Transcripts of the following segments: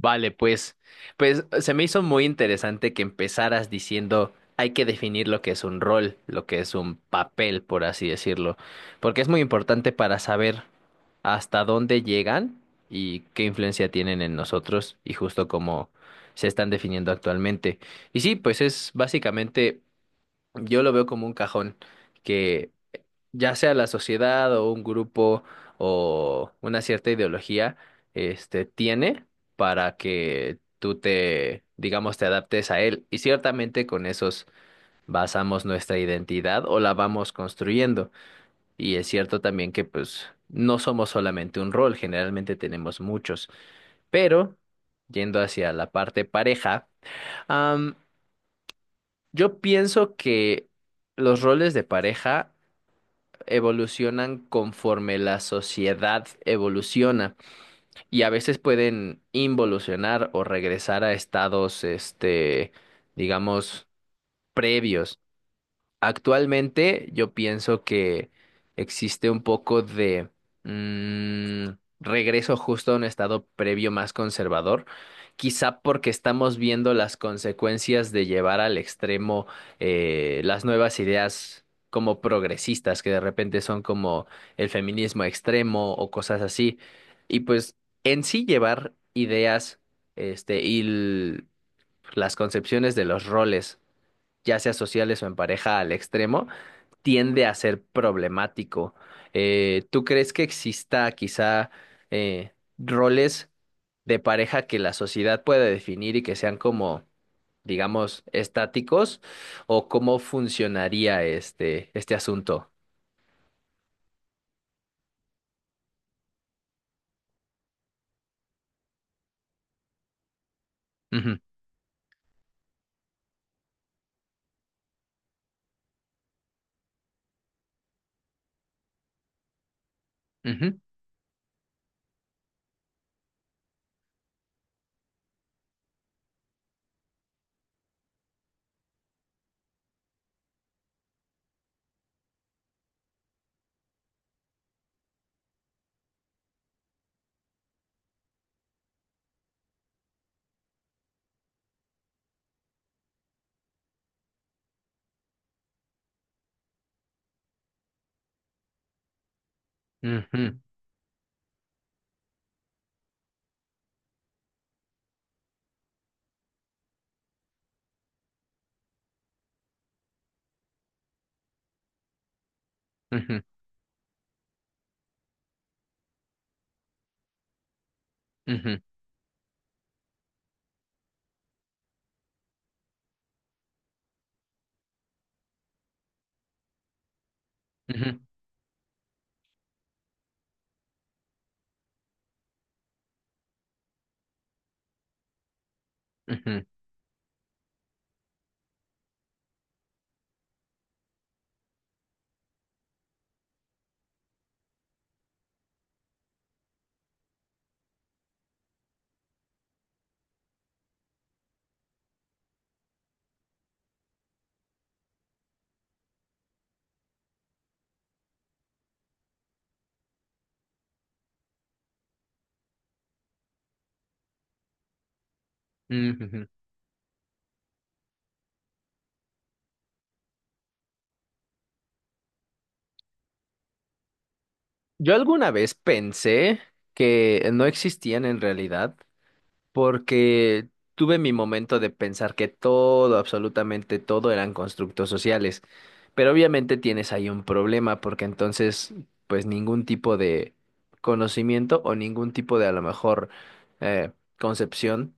Vale, pues, se me hizo muy interesante que empezaras diciendo hay que definir lo que es un rol, lo que es un papel, por así decirlo, porque es muy importante para saber hasta dónde llegan y qué influencia tienen en nosotros y justo cómo se están definiendo actualmente. Y sí, pues es básicamente, yo lo veo como un cajón que ya sea la sociedad o un grupo o una cierta ideología, tiene para que tú te, digamos, te adaptes a él. Y ciertamente con esos basamos nuestra identidad o la vamos construyendo. Y es cierto también que pues no somos solamente un rol, generalmente tenemos muchos. Pero, yendo hacia la parte pareja, am, yo pienso que los roles de pareja evolucionan conforme la sociedad evoluciona y a veces pueden involucionar o regresar a estados, este, digamos, previos. Actualmente yo pienso que existe un poco de mm, regreso justo a un estado previo más conservador, quizá porque estamos viendo las consecuencias de llevar al extremo las nuevas ideas como progresistas, que de repente son como el feminismo extremo o cosas así. Y pues en sí llevar ideas y las concepciones de los roles, ya sea sociales o en pareja, al extremo tiende a ser problemático. ¿Tú crees que exista quizá roles de pareja que la sociedad pueda definir y que sean como, digamos, estáticos? ¿O cómo funcionaría este, este asunto? Ujú, ujú, ujú, ujú, ujú, ujú, ujú, ujú, ujú. Yo alguna vez pensé que no existían en realidad porque tuve mi momento de pensar que todo, absolutamente todo eran constructos sociales, pero obviamente tienes ahí un problema porque entonces pues ningún tipo de conocimiento o ningún tipo de a lo mejor eh, concepción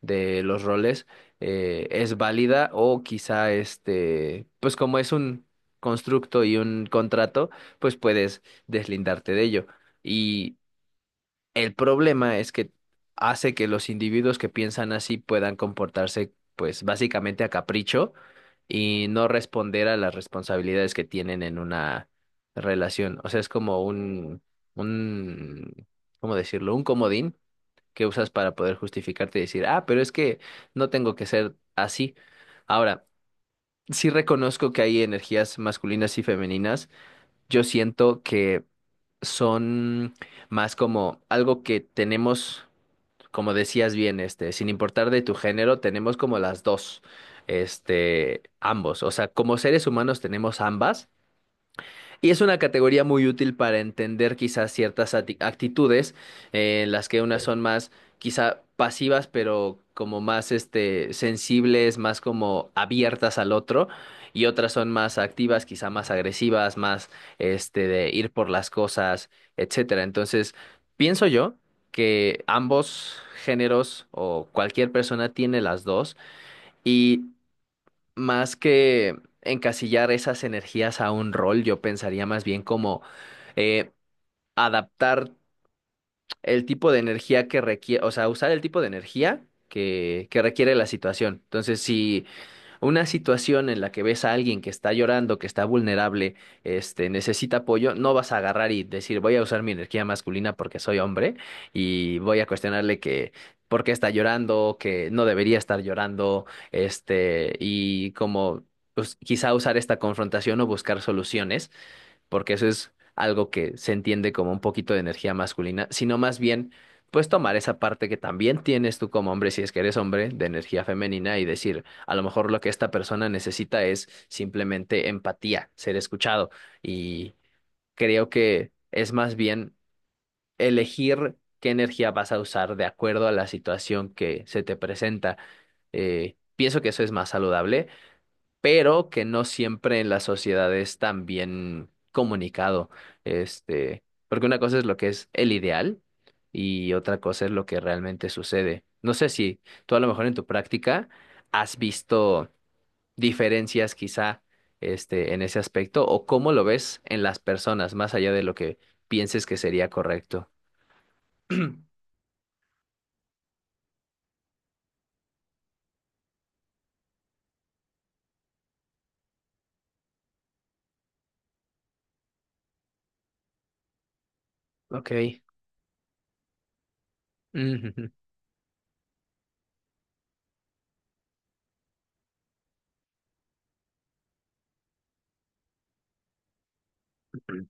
de los roles es válida o quizá este pues como es un constructo y un contrato pues puedes deslindarte de ello. El problema es que hace que los individuos que piensan así puedan comportarse, pues básicamente a capricho y no responder a las responsabilidades que tienen en una relación. O sea, es como un, ¿cómo decirlo? Un comodín que usas para poder justificarte y decir, ah, pero es que no tengo que ser así. Ahora, sí reconozco que hay energías masculinas y femeninas. Yo siento que son más como algo que tenemos como decías bien, este, sin importar de tu género, tenemos como las dos, ambos. O sea, como seres humanos tenemos ambas, y es una categoría muy útil para entender quizás ciertas actitudes, en las que unas son más quizá pasivas, pero como más sensibles, más como abiertas al otro, y otras son más activas, quizá más agresivas, más de ir por las cosas, etcétera. Entonces, pienso yo que ambos géneros o cualquier persona tiene las dos. Y más que encasillar esas energías a un rol, yo pensaría más bien como eh, adaptar el tipo de energía que requiere, o sea, usar el tipo de energía que requiere la situación. Entonces, si una situación en la que ves a alguien que está llorando, que está vulnerable, necesita apoyo, no vas a agarrar y decir, voy a usar mi energía masculina porque soy hombre y voy a cuestionarle que por qué está llorando, que no debería estar llorando, y como pues, quizá usar esta confrontación o buscar soluciones porque eso es algo que se entiende como un poquito de energía masculina, sino más bien, pues tomar esa parte que también tienes tú como hombre, si es que eres hombre, de energía femenina y decir, a lo mejor lo que esta persona necesita es simplemente empatía, ser escuchado. Y creo que es más bien elegir qué energía vas a usar de acuerdo a la situación que se te presenta. Pienso que eso es más saludable pero que no siempre en la sociedad es tan bien comunicado. Este, Porque una cosa es lo que es el ideal y otra cosa es lo que realmente sucede. No sé si tú a lo mejor en tu práctica has visto diferencias quizá en ese aspecto o cómo lo ves en las personas, más allá de lo que pienses que sería correcto. Ok. Ujú, ujú,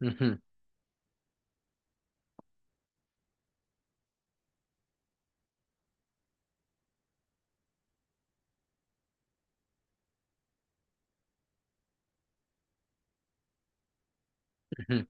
ujú, ujú.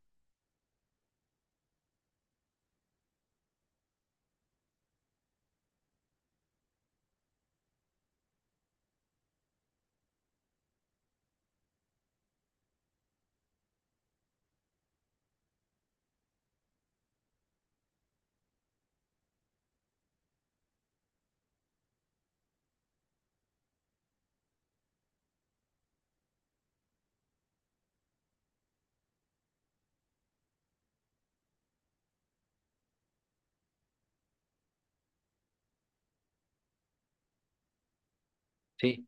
Sí.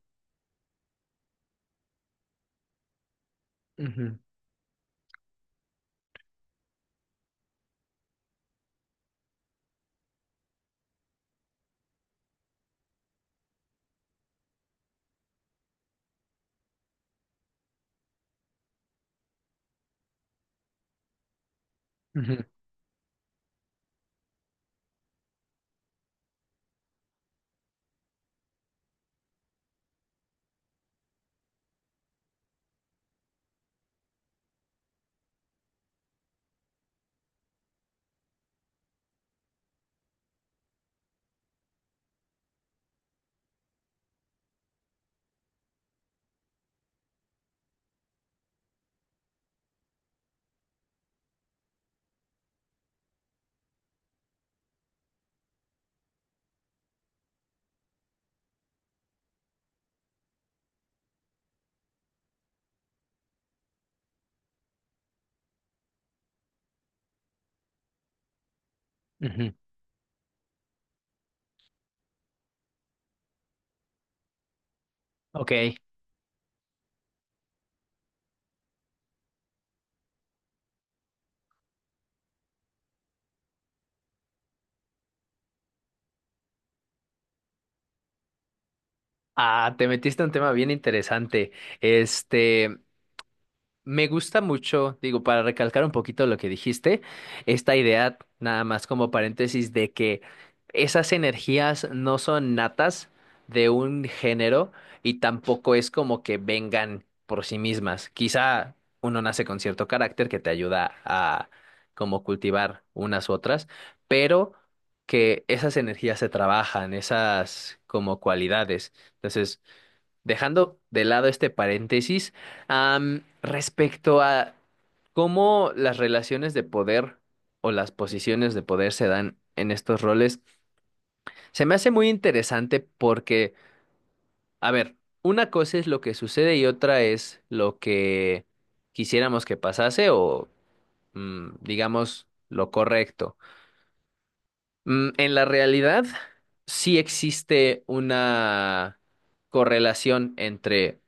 Ujú, ujú, ujú. Ok. Ah, te metiste en un tema bien interesante. Este, Me gusta mucho, digo, para recalcar un poquito lo que dijiste, esta idea, nada más como paréntesis, de que esas energías no son natas de un género y tampoco es como que vengan por sí mismas. Quizá uno nace con cierto carácter que te ayuda a como cultivar unas u otras, pero que esas energías se trabajan, esas como cualidades. Entonces, dejando de lado este paréntesis, respecto a cómo las relaciones de poder o las posiciones de poder se dan en estos roles, se me hace muy interesante porque, a ver, una cosa es lo que sucede y otra es lo que quisiéramos que pasase o, digamos, lo correcto. En la realidad, sí existe una correlación entre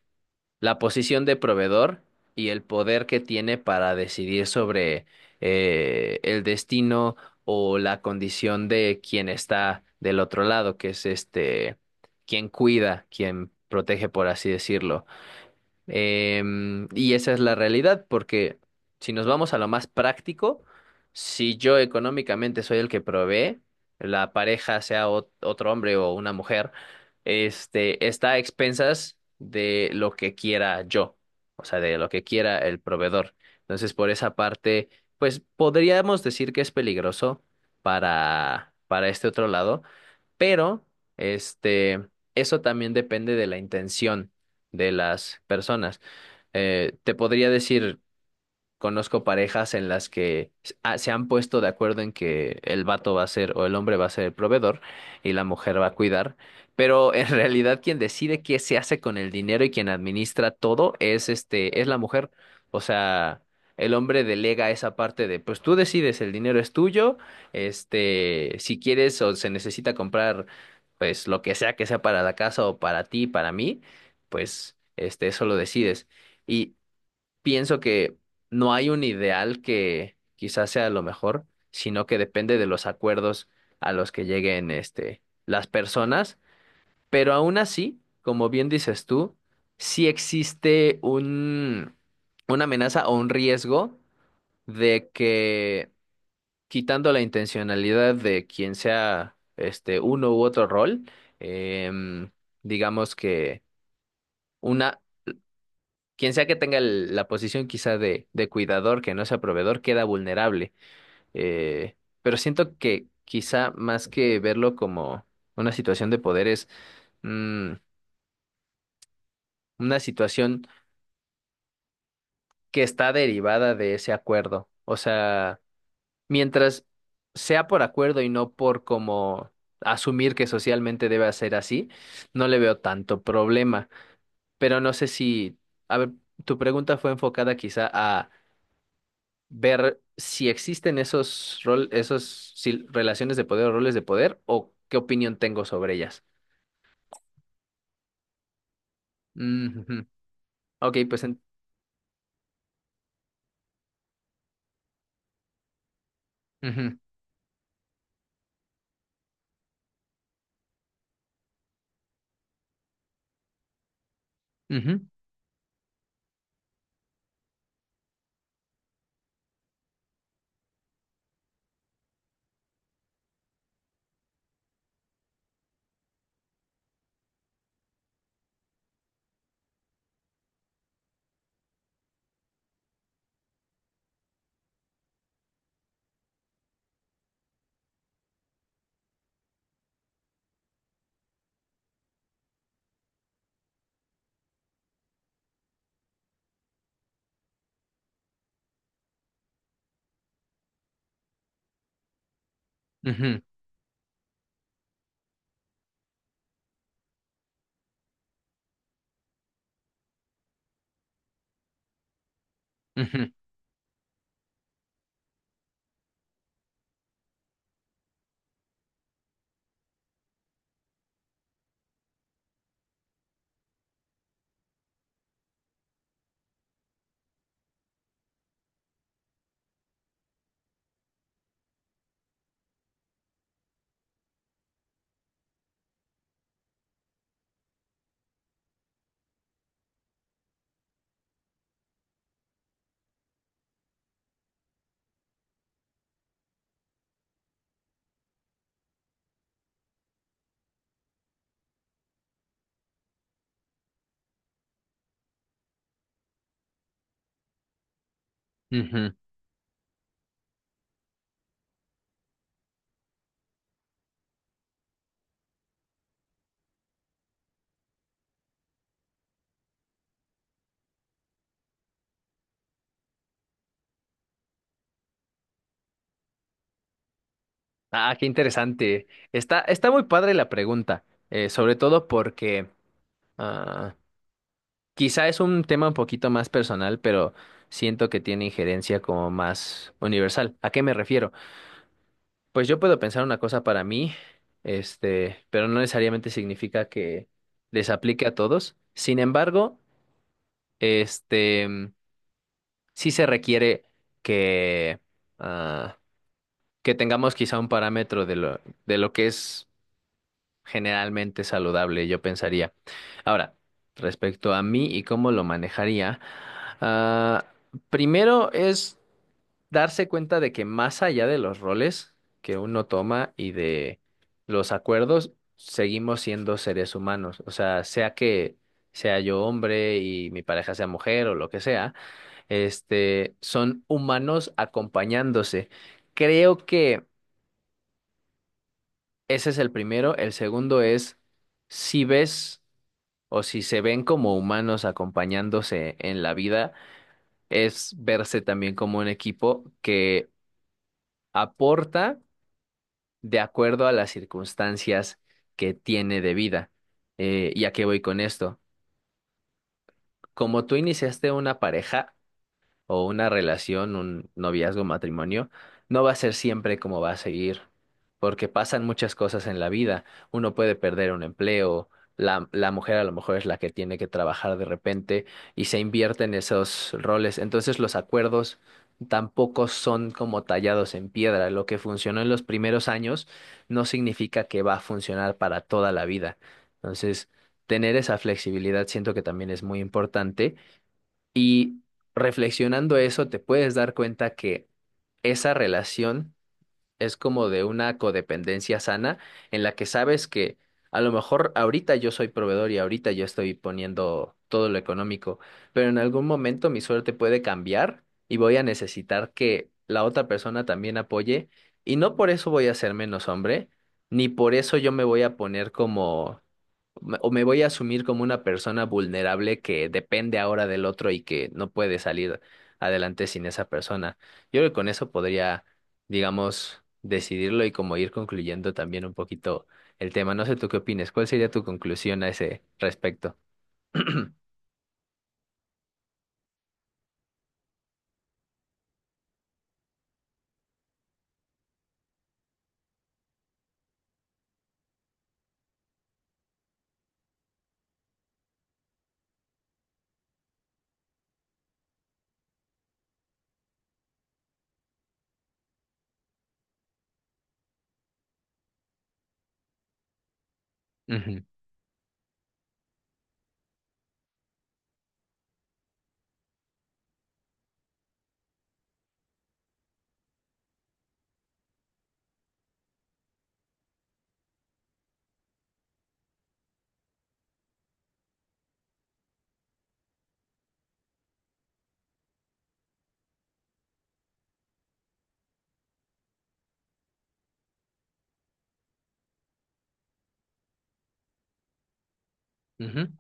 la posición de proveedor y el poder que tiene para decidir sobre el destino o la condición de quien está del otro lado, que es quien cuida, quien protege, por así decirlo. Y esa es la realidad, porque si nos vamos a lo más práctico, si yo económicamente soy el que provee, la pareja, sea otro hombre o una mujer, está a expensas de lo que quiera yo, o sea, de lo que quiera el proveedor. Entonces, por esa parte, pues podríamos decir que es peligroso para este otro lado, pero este, eso también depende de la intención de las personas te podría decir, conozco parejas en las que se han puesto de acuerdo en que el vato va a ser o el hombre va a ser el proveedor y la mujer va a cuidar, pero en realidad quien decide qué se hace con el dinero y quien administra todo es la mujer. O sea, el hombre delega esa parte de, pues tú decides, el dinero es tuyo, si quieres o se necesita comprar, pues lo que sea para la casa o para ti, para mí, pues eso lo decides. Y pienso que no hay un ideal que quizás sea lo mejor, sino que depende de los acuerdos a los que lleguen este, las personas. Pero aún así, como bien dices tú, sí existe un, una amenaza o un riesgo de que quitando la intencionalidad de quien sea este uno u otro rol, em, digamos que una. Quien sea que tenga la posición quizá de cuidador, que no sea proveedor, queda vulnerable. Eh, pero siento que quizá más que verlo como una situación de poder es mm, una situación que está derivada de ese acuerdo. O sea, mientras sea por acuerdo y no por como asumir que socialmente debe ser así, no le veo tanto problema. Pero no sé si, a ver, tu pregunta fue enfocada quizá a ver si existen esos rol, esos si- relaciones de poder o roles de poder o qué opinión tengo sobre ellas. Mm, ujú. Ok, pues. Ujú, ujú, ujú, ujú, ujú. Ah, qué interesante. Está muy padre la pregunta, sobre todo porque ah, quizá es un tema un poquito más personal, pero siento que tiene injerencia como más universal. ¿A qué me refiero? Pues yo puedo pensar una cosa para mí, pero no necesariamente significa que les aplique a todos. Sin embargo, este, mm, sí se requiere que, ah, que tengamos quizá un parámetro de lo que es generalmente saludable, yo pensaría. Ahora, respecto a mí y cómo lo manejaría, ah, primero es darse cuenta de que más allá de los roles que uno toma y de los acuerdos, seguimos siendo seres humanos. O sea, sea que sea yo hombre y mi pareja sea mujer o lo que sea, son humanos acompañándose. Creo que ese es el primero. El segundo es si ves o si se ven como humanos acompañándose en la vida, es verse también como un equipo que aporta de acuerdo a las circunstancias que tiene de vida. ¿Y a qué voy con esto? Como tú iniciaste una pareja, o una relación, un noviazgo, matrimonio, no va a ser siempre como va a seguir, porque pasan muchas cosas en la vida. Uno puede perder un empleo, la mujer a lo mejor es la que tiene que trabajar de repente y se invierte en esos roles. Entonces los acuerdos tampoco son como tallados en piedra. Lo que funcionó en los primeros años no significa que va a funcionar para toda la vida. Entonces, tener esa flexibilidad siento que también es muy importante y reflexionando eso, te puedes dar cuenta que esa relación es como de una codependencia sana en la que sabes que a lo mejor ahorita yo soy proveedor y ahorita yo estoy poniendo todo lo económico, pero en algún momento mi suerte puede cambiar y voy a necesitar que la otra persona también apoye y no por eso voy a ser menos hombre, ni por eso yo me voy a poner o me voy a asumir como una persona vulnerable que depende ahora del otro y que no puede salir adelante sin esa persona. Yo creo que con eso podría digamos, decidirlo y como ir concluyendo también un poquito el tema. No sé tú qué opinas, ¿cuál sería tu conclusión a ese respecto? Ujú, ujú,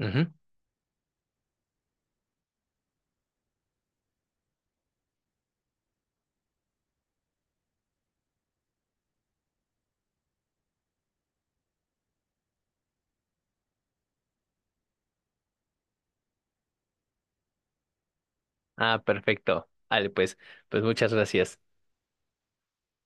ujú. Ah, perfecto. Vale, pues muchas gracias.